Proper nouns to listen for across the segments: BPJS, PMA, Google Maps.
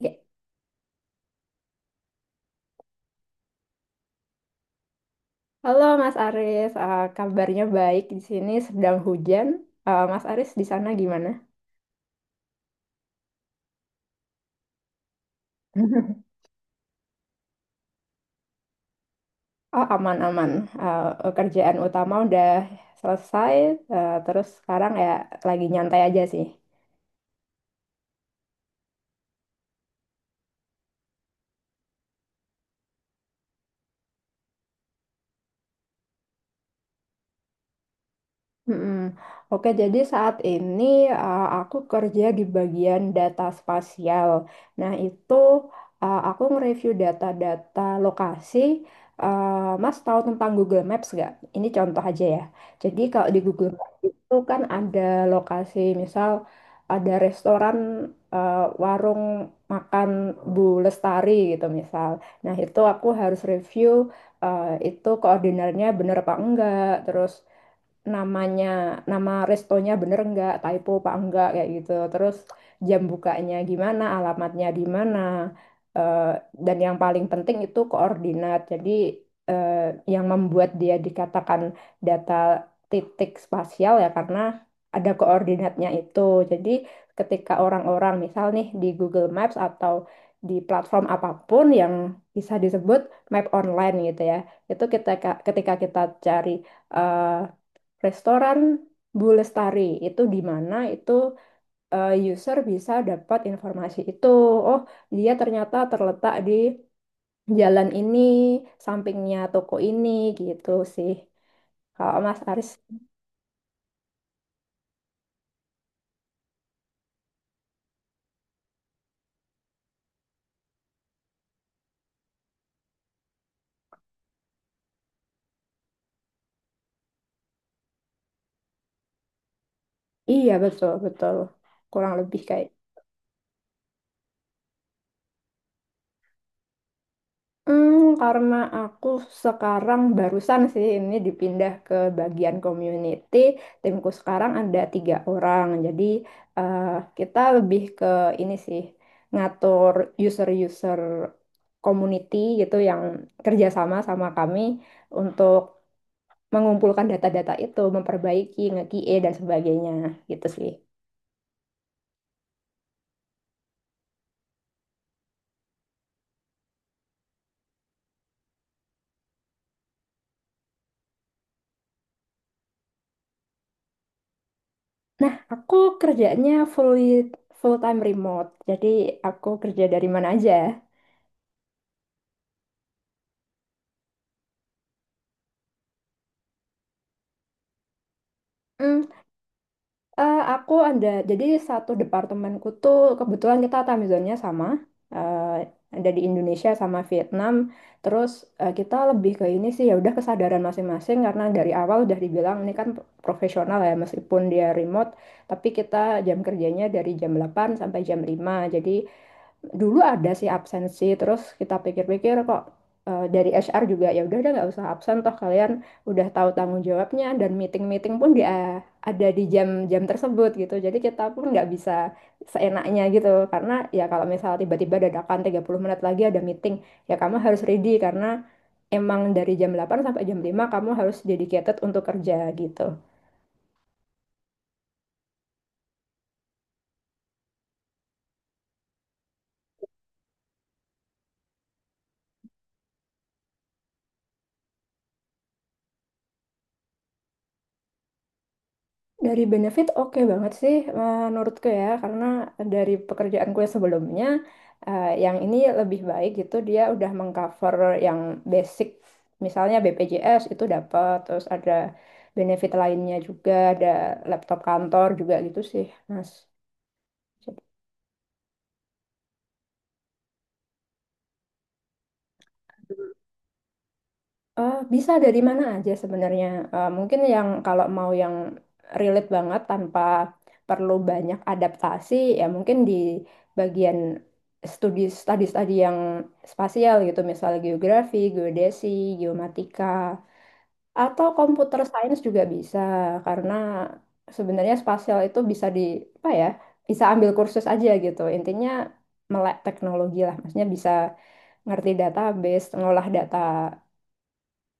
Oke. Halo Mas Aris, kabarnya baik di sini sedang hujan. Eh, Mas Aris di sana gimana? Oh, aman-aman. Kerjaan utama udah selesai. Terus sekarang ya lagi nyantai aja sih. Mm-mm. Oke, jadi saat ini aku kerja di bagian data spasial. Nah, itu aku nge-review data-data lokasi. Mas tahu tentang Google Maps nggak? Ini contoh aja ya. Jadi kalau di Google Maps itu kan ada lokasi, misal ada restoran, uh, warung makan Bu Lestari gitu misal. Nah, itu aku harus review itu koordinatnya bener apa enggak, terus namanya nama restonya bener nggak, typo apa enggak, kayak gitu. Terus jam bukanya gimana, alamatnya di mana. Eh, dan yang paling penting itu koordinat. Jadi eh, yang membuat dia dikatakan data titik spasial ya karena ada koordinatnya itu. Jadi ketika orang-orang misal nih di Google Maps atau di platform apapun yang bisa disebut map online gitu ya, itu kita ketika kita cari eh, restoran Bu Lestari itu di mana, itu user bisa dapat informasi itu. Oh, dia ternyata terletak di jalan ini, sampingnya toko ini, gitu sih. Kalau Mas Aris, iya betul betul, kurang lebih kayak. Hmm, karena aku sekarang barusan sih ini dipindah ke bagian community, timku sekarang ada tiga orang. Jadi eh, kita lebih ke ini sih, ngatur user-user community gitu yang kerjasama sama kami untuk mengumpulkan data-data itu, memperbaiki, nge-QA dan sebagainya gitu sih. Nah, aku kerjanya full time remote, jadi aku kerja dari mana aja. Hmm. Aku ada, jadi satu departemenku tuh kebetulan kita time zone-nya sama, eh, ada di Indonesia sama Vietnam. Terus kita lebih ke ini sih, ya udah kesadaran masing-masing karena dari awal udah dibilang ini kan profesional ya, meskipun dia remote, tapi kita jam kerjanya dari jam 8 sampai jam 5. Jadi dulu ada sih absensi, terus kita pikir-pikir kok, dari HR juga ya udah nggak usah absen toh kalian udah tahu tanggung jawabnya, dan meeting-meeting pun dia ada di jam-jam tersebut gitu. Jadi kita pun nggak bisa seenaknya gitu. Karena ya kalau misal tiba-tiba dadakan 30 menit lagi ada meeting, ya kamu harus ready karena emang dari jam 8 sampai jam 5 kamu harus dedicated untuk kerja gitu. Dari benefit oke banget sih, menurutku ya, karena dari pekerjaanku yang sebelumnya yang ini lebih baik gitu. Dia udah mengcover yang basic, misalnya BPJS itu dapat, terus ada benefit lainnya juga, ada laptop kantor juga gitu sih Mas. Bisa dari mana aja sebenarnya. Mungkin yang kalau mau yang relate banget tanpa perlu banyak adaptasi, ya mungkin di bagian studi-studi yang spasial gitu, misalnya geografi, geodesi, geomatika, atau computer science juga bisa karena sebenarnya spasial itu bisa di apa ya, bisa ambil kursus aja gitu. Intinya melek teknologi lah, maksudnya bisa ngerti database,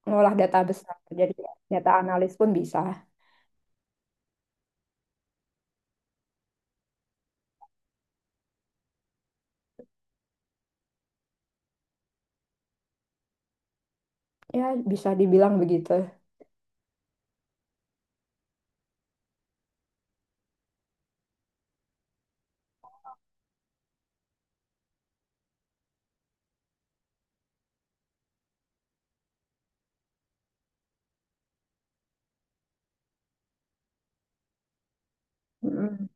ngolah data besar. Jadi data analis pun bisa. Ya, bisa dibilang begitu. Mm-mm.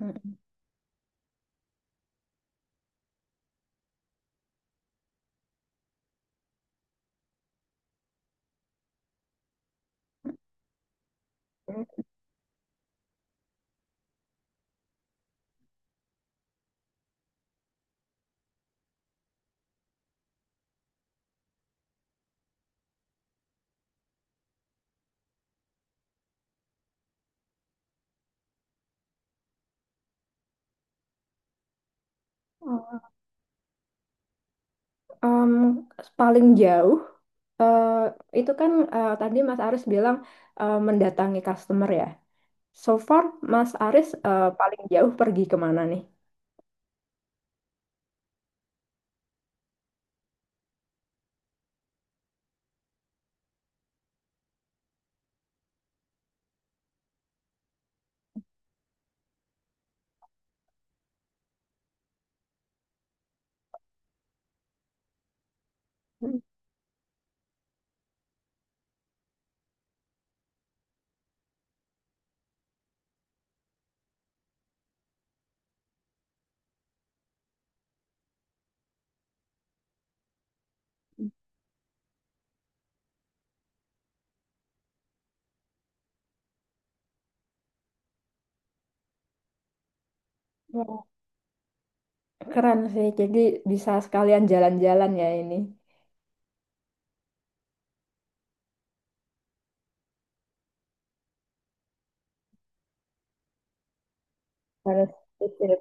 Mm-mm. Um, paling jauh eh, itu kan tadi Mas Aris bilang mendatangi customer ya. So far Mas Aris paling jauh pergi kemana nih? Hmm. Wah, keren sih. Jadi bisa sekalian jalan-jalan ya ini. Harus titip.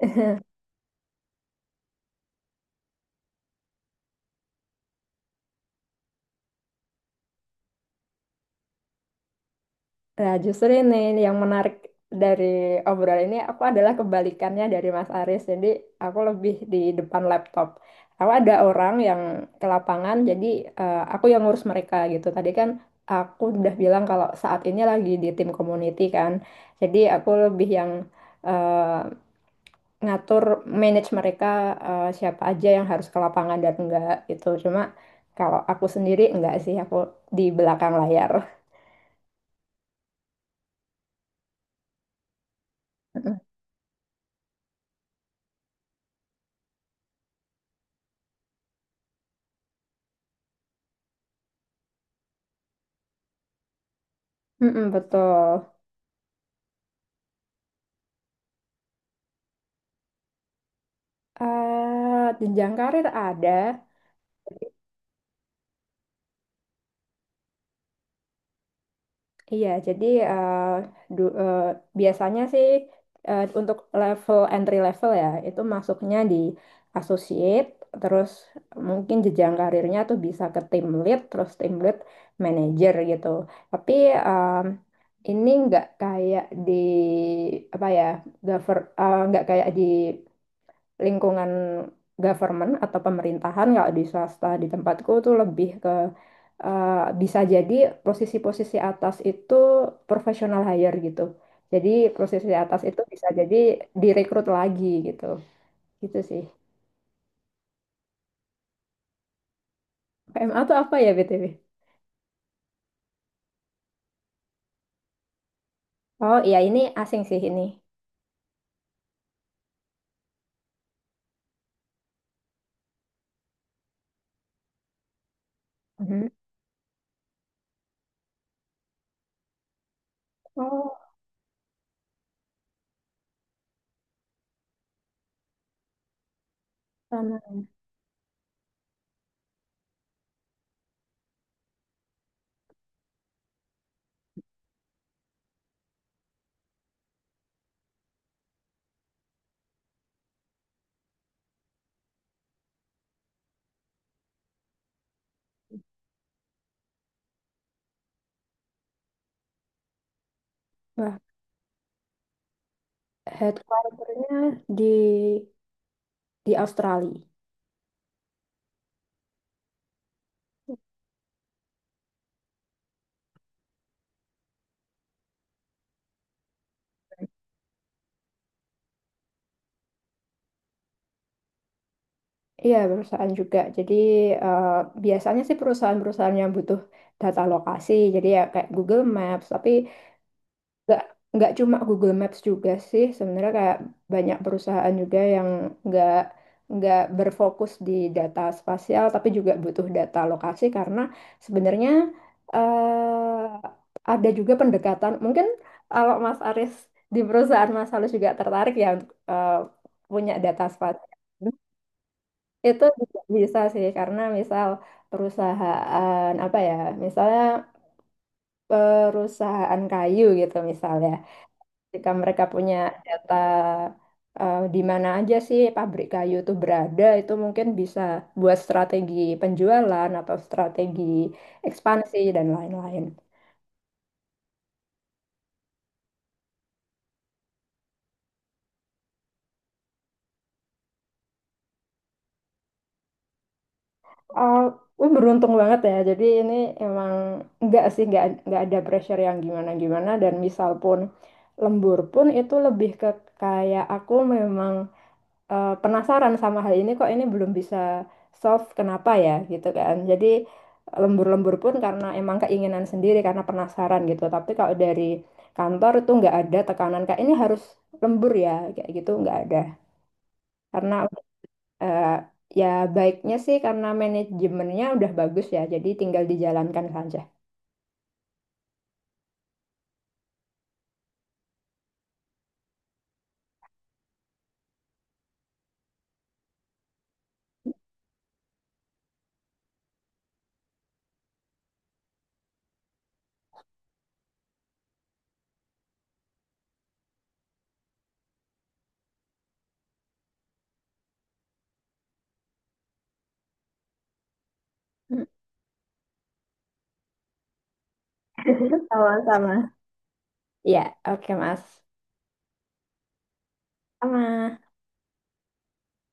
Nah, justru ini yang menarik dari obrolan ini, aku adalah kebalikannya dari Mas Aris. Jadi, aku lebih di depan laptop. Aku ada orang yang ke lapangan, jadi aku yang ngurus mereka gitu. Tadi kan aku udah bilang kalau saat ini lagi di tim community kan. Jadi, aku lebih yang eh, ngatur manage mereka, siapa aja yang harus ke lapangan dan enggak gitu. Cuma kalau aku sendiri enggak sih, aku di belakang layar. Mm-mm, betul. Jenjang karir ada, iya. Jadi eh, du- eh, biasanya sih, untuk level entry level ya itu masuknya di associate, terus mungkin jenjang karirnya tuh bisa ke team lead, terus team lead manager gitu. Tapi ini nggak kayak di apa ya, nggak kayak di lingkungan government atau pemerintahan. Kalau di swasta di tempatku tuh lebih ke eh, bisa jadi posisi-posisi atas itu professional hire gitu. Jadi posisi atas itu bisa jadi direkrut lagi gitu. Gitu sih. PMA tuh apa ya BTW? Oh iya, ini asing sih ini. Mhm. Oh, sama. Wah, headquarternya di di Australia. Iya, perusahaan juga. Jadi eh, biasanya sih perusahaan-perusahaan yang butuh data lokasi. Jadi ya kayak Google Maps, tapi nggak nggak cuma Google Maps juga sih sebenarnya, kayak banyak perusahaan juga yang nggak nggak berfokus di data spasial tapi juga butuh data lokasi. Karena sebenarnya ada juga pendekatan, mungkin kalau Mas Aris di perusahaan Mas Halus juga tertarik ya untuk punya data spasial, itu juga bisa sih. Karena misal perusahaan apa ya, misalnya perusahaan kayu gitu misalnya, jika mereka punya data di mana aja sih pabrik kayu itu berada, itu mungkin bisa buat strategi penjualan atau strategi ekspansi dan lain-lain. Oh, gue beruntung banget ya. Jadi ini emang nggak sih, nggak ada pressure yang gimana-gimana. Dan misal pun lembur pun itu lebih ke kayak aku memang penasaran sama hal ini, kok ini belum bisa solve, kenapa ya gitu kan. Jadi lembur-lembur pun karena emang keinginan sendiri, karena penasaran gitu. Tapi kalau dari kantor itu nggak ada tekanan kayak ini harus lembur ya, kayak gitu nggak ada. Karena eh, ya baiknya sih karena manajemennya udah bagus ya. Jadi tinggal dijalankan saja. Sama-sama. Ya, oke Mas. Sama.